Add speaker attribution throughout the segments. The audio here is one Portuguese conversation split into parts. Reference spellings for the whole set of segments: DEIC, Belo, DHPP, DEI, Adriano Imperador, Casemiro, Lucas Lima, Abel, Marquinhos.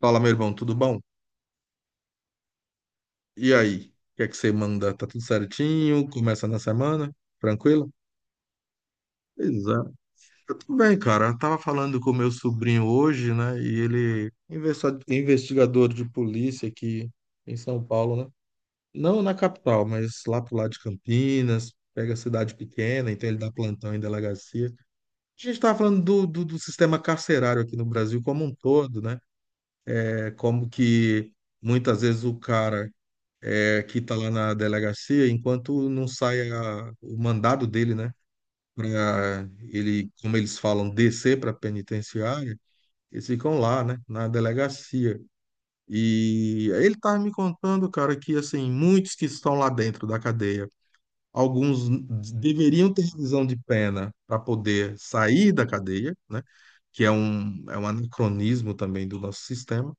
Speaker 1: Fala, meu irmão, tudo bom? E aí? O que é que você manda? Tá tudo certinho? Começa na semana? Tranquilo? Exato. Eu tô bem, cara. Eu tava falando com o meu sobrinho hoje, né? E ele investigador de polícia aqui em São Paulo, né? Não na capital, mas lá pro lado de Campinas, pega cidade pequena, então ele dá plantão em delegacia. A gente tava falando do sistema carcerário aqui no Brasil como um todo, né? É como que muitas vezes o cara aqui está lá na delegacia, enquanto não sai o mandado dele, né? Para ele, como eles falam, descer para a penitenciária, eles ficam lá, né? Na delegacia. E aí ele estava me contando, cara, que assim, muitos que estão lá dentro da cadeia, alguns deveriam ter revisão de pena para poder sair da cadeia, né? Que é um anacronismo também do nosso sistema,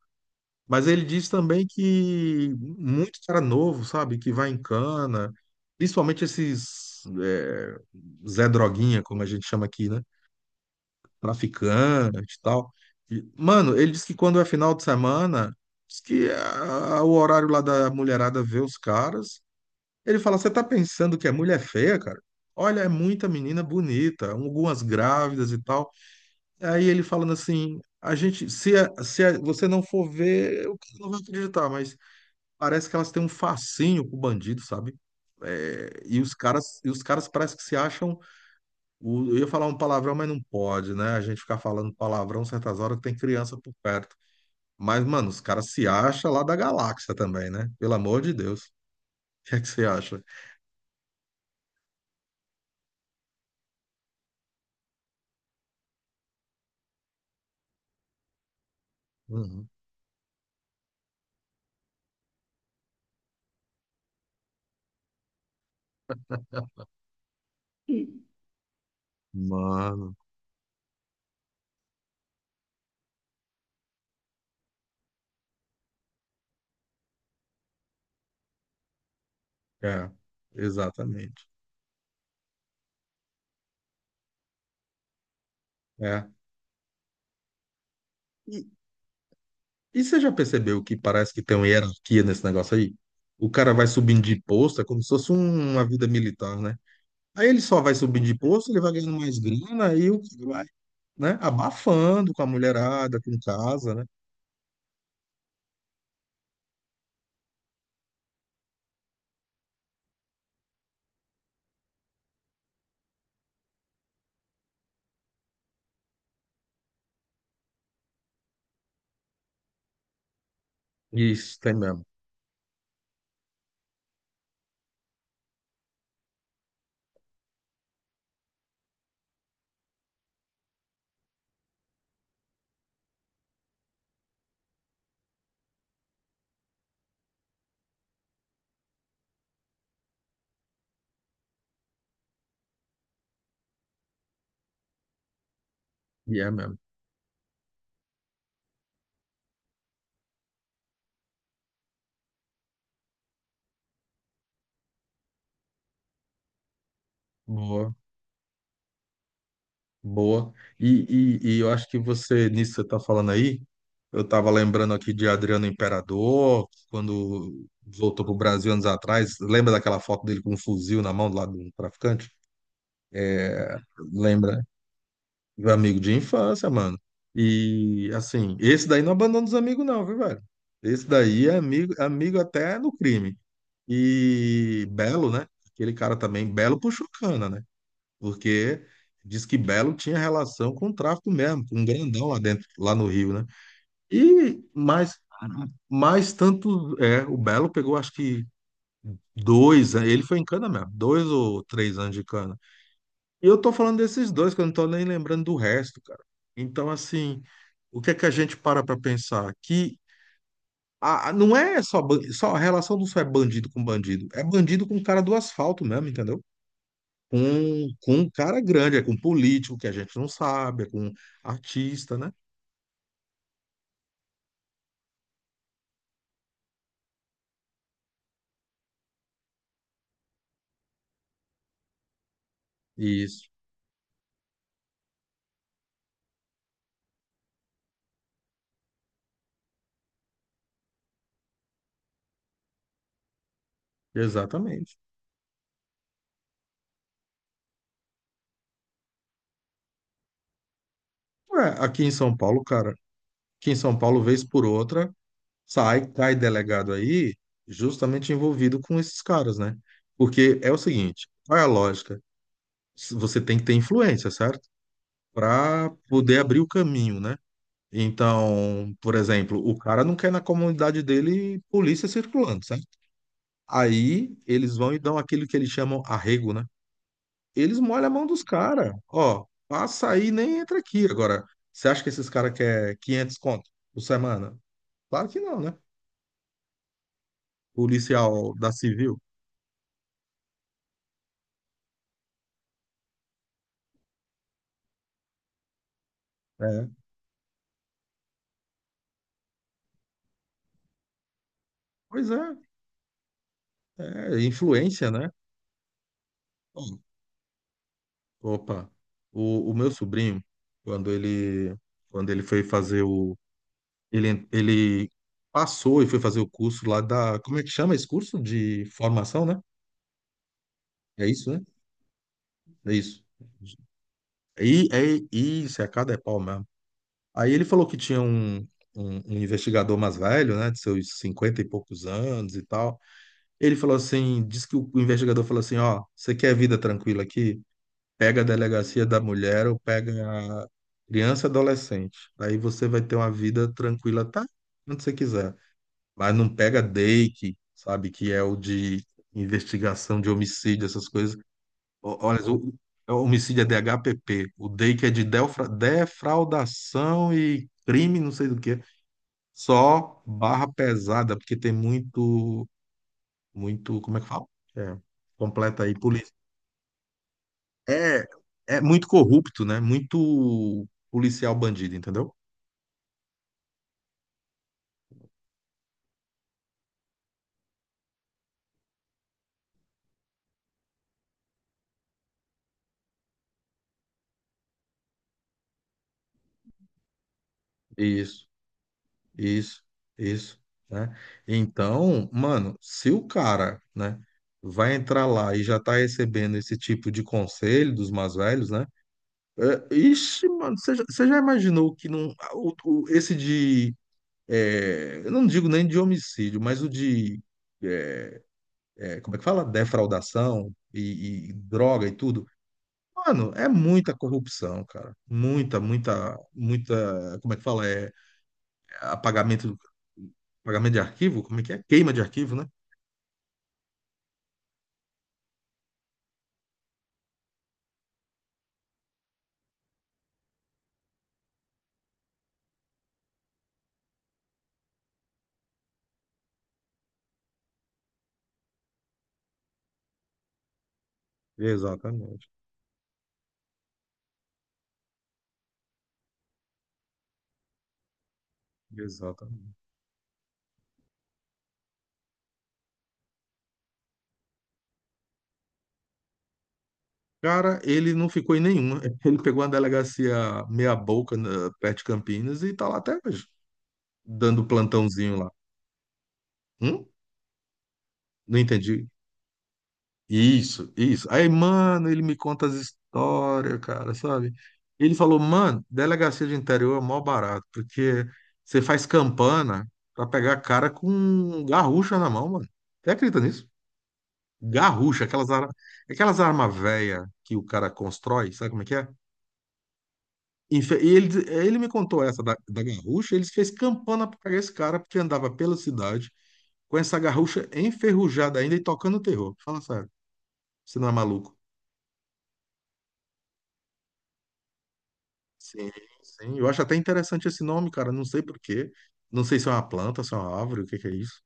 Speaker 1: mas ele diz também que muito cara novo, sabe, que vai em cana, principalmente esses Zé Droguinha, como a gente chama aqui, né? Traficante e tal. E, mano, ele diz que quando é final de semana, diz que o horário lá da mulherada vê os caras. Ele fala: Você tá pensando que é mulher feia, cara? Olha, é muita menina bonita, algumas grávidas e tal. Aí ele falando assim: A gente, se, a- se a- você não for ver, eu não vou acreditar, mas parece que elas têm um fascínio pro bandido, sabe? É, e os caras parece que se acham. Eu ia falar um palavrão, mas não pode, né? A gente ficar falando palavrão certas horas que tem criança por perto. Mas, mano, os caras se acham lá da galáxia também, né? Pelo amor de Deus. O que é que você acha? Uhum. Mano, é, exatamente. É. E, e você já percebeu que parece que tem uma hierarquia nesse negócio aí? O cara vai subindo de posto, é como se fosse uma vida militar, né? Aí ele só vai subir de posto, ele vai ganhando mais grana, aí o cara vai, né? Abafando com a mulherada, com casa, né? Isso, tem mesmo. E é mesmo. Boa, boa. E eu acho que você, nisso que você tá falando aí, eu tava lembrando aqui de Adriano Imperador, quando voltou pro Brasil anos atrás, lembra daquela foto dele com um fuzil na mão do lado do traficante? É, lembra? Meu amigo de infância, mano. E assim, esse daí não abandona os amigos, não, viu, velho? Esse daí é amigo, amigo até no crime. E Belo, né? Aquele cara também, Belo puxou cana, né? Porque diz que Belo tinha relação com o tráfico mesmo, com um grandão lá dentro, lá no Rio, né? E mais tanto, o Belo pegou acho que dois, ele foi em cana mesmo, 2 ou 3 anos de cana. E eu tô falando desses dois, que eu não tô nem lembrando do resto, cara. Então, assim, o que é que a gente para pra pensar? Que não é só, só a relação não só é bandido com bandido, é bandido com o cara do asfalto mesmo, entendeu? Com um cara grande, é com político que a gente não sabe, é com artista, né? Isso, exatamente. Ué, aqui em São Paulo, cara, aqui em São Paulo, vez por outra, sai, cai delegado aí, justamente envolvido com esses caras, né? Porque é o seguinte, qual é a lógica? Você tem que ter influência, certo? Para poder abrir o caminho, né? Então, por exemplo, o cara não quer na comunidade dele polícia circulando, certo? Aí eles vão e dão aquilo que eles chamam arrego, né? Eles molham a mão dos caras. Ó, passa aí, nem entra aqui. Agora, você acha que esses caras querem 500 conto por semana? Claro que não, né? Policial da civil. É. Pois é, é influência, né? Opa, o meu sobrinho, quando ele, quando ele foi fazer ele passou e foi fazer o curso lá da, como é que chama esse curso? De formação, né? É isso, né? É isso. E, é isso, é cada é pau mesmo. Aí ele falou que tinha um investigador mais velho, né, de seus 50 e poucos anos e tal. Ele falou assim, disse que o investigador falou assim, ó, você quer vida tranquila aqui? Pega a delegacia da mulher ou pega a criança e adolescente. Aí você vai ter uma vida tranquila, tá? Onde você quiser. Mas não pega DEIC, sabe? Que é o de investigação de homicídio, essas coisas. Olha, o homicídio é DHPP. O DEIC é de defraudação e crime, não sei do que. Só barra pesada, porque tem muito, muito, como é que fala? É, completa aí, é, é muito corrupto, né? Muito policial bandido, entendeu? Isso, isso, isso, né? Então, mano, se o cara, né, vai entrar lá e já tá recebendo esse tipo de conselho dos mais velhos, né? É, ixi, mano, você já imaginou que não, esse de, eu não digo nem de homicídio, mas o de, é, como é que fala? Defraudação e droga e tudo. Mano, é muita corrupção, cara. Muita, muita, muita. Como é que fala? É apagamento, apagamento de arquivo? Como é que é? Queima de arquivo, né? Exatamente. Exatamente. Cara, ele não ficou em nenhuma. Ele pegou uma delegacia meia-boca perto de Campinas e tá lá até hoje, dando plantãozinho lá. Hum? Não entendi. Isso, isso. Aí, mano, ele me conta as histórias, cara, sabe? Ele falou, mano, delegacia de interior é mó barato, porque você faz campana pra pegar cara com garrucha na mão, mano. Você acredita nisso? Garrucha, aquelas armas velhas que o cara constrói, sabe como é que é? E ele me contou essa da garrucha, eles fez campana pra pegar esse cara, porque andava pela cidade com essa garrucha enferrujada ainda e tocando terror. Fala sério, você não é maluco. Sim, sim. Eu acho até interessante esse nome, cara. Não sei por quê. Não sei se é uma planta, se é uma árvore, o que que é isso.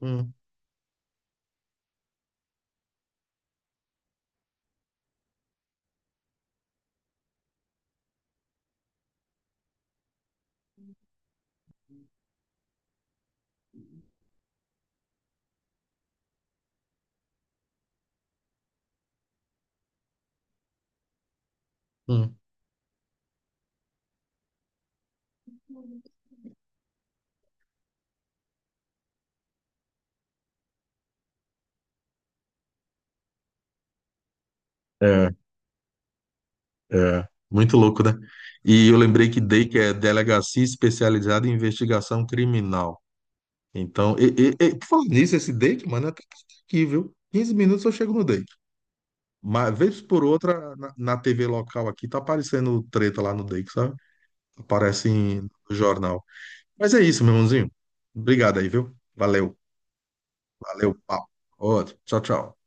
Speaker 1: Hum, hum. É, é. Muito louco, né? E eu lembrei que DEI, que é Delegacia Especializada em Investigação Criminal. Então, por falar nisso, esse DEIC, mano, é até aqui, viu? 15 minutos eu chego no DEIC. Mas, vez por outra, na TV local aqui, tá aparecendo treta lá no DEIC, sabe? Aparece no jornal. Mas é isso, meu irmãozinho. Obrigado aí, viu? Valeu. Valeu, papo. Outro. Tchau, tchau.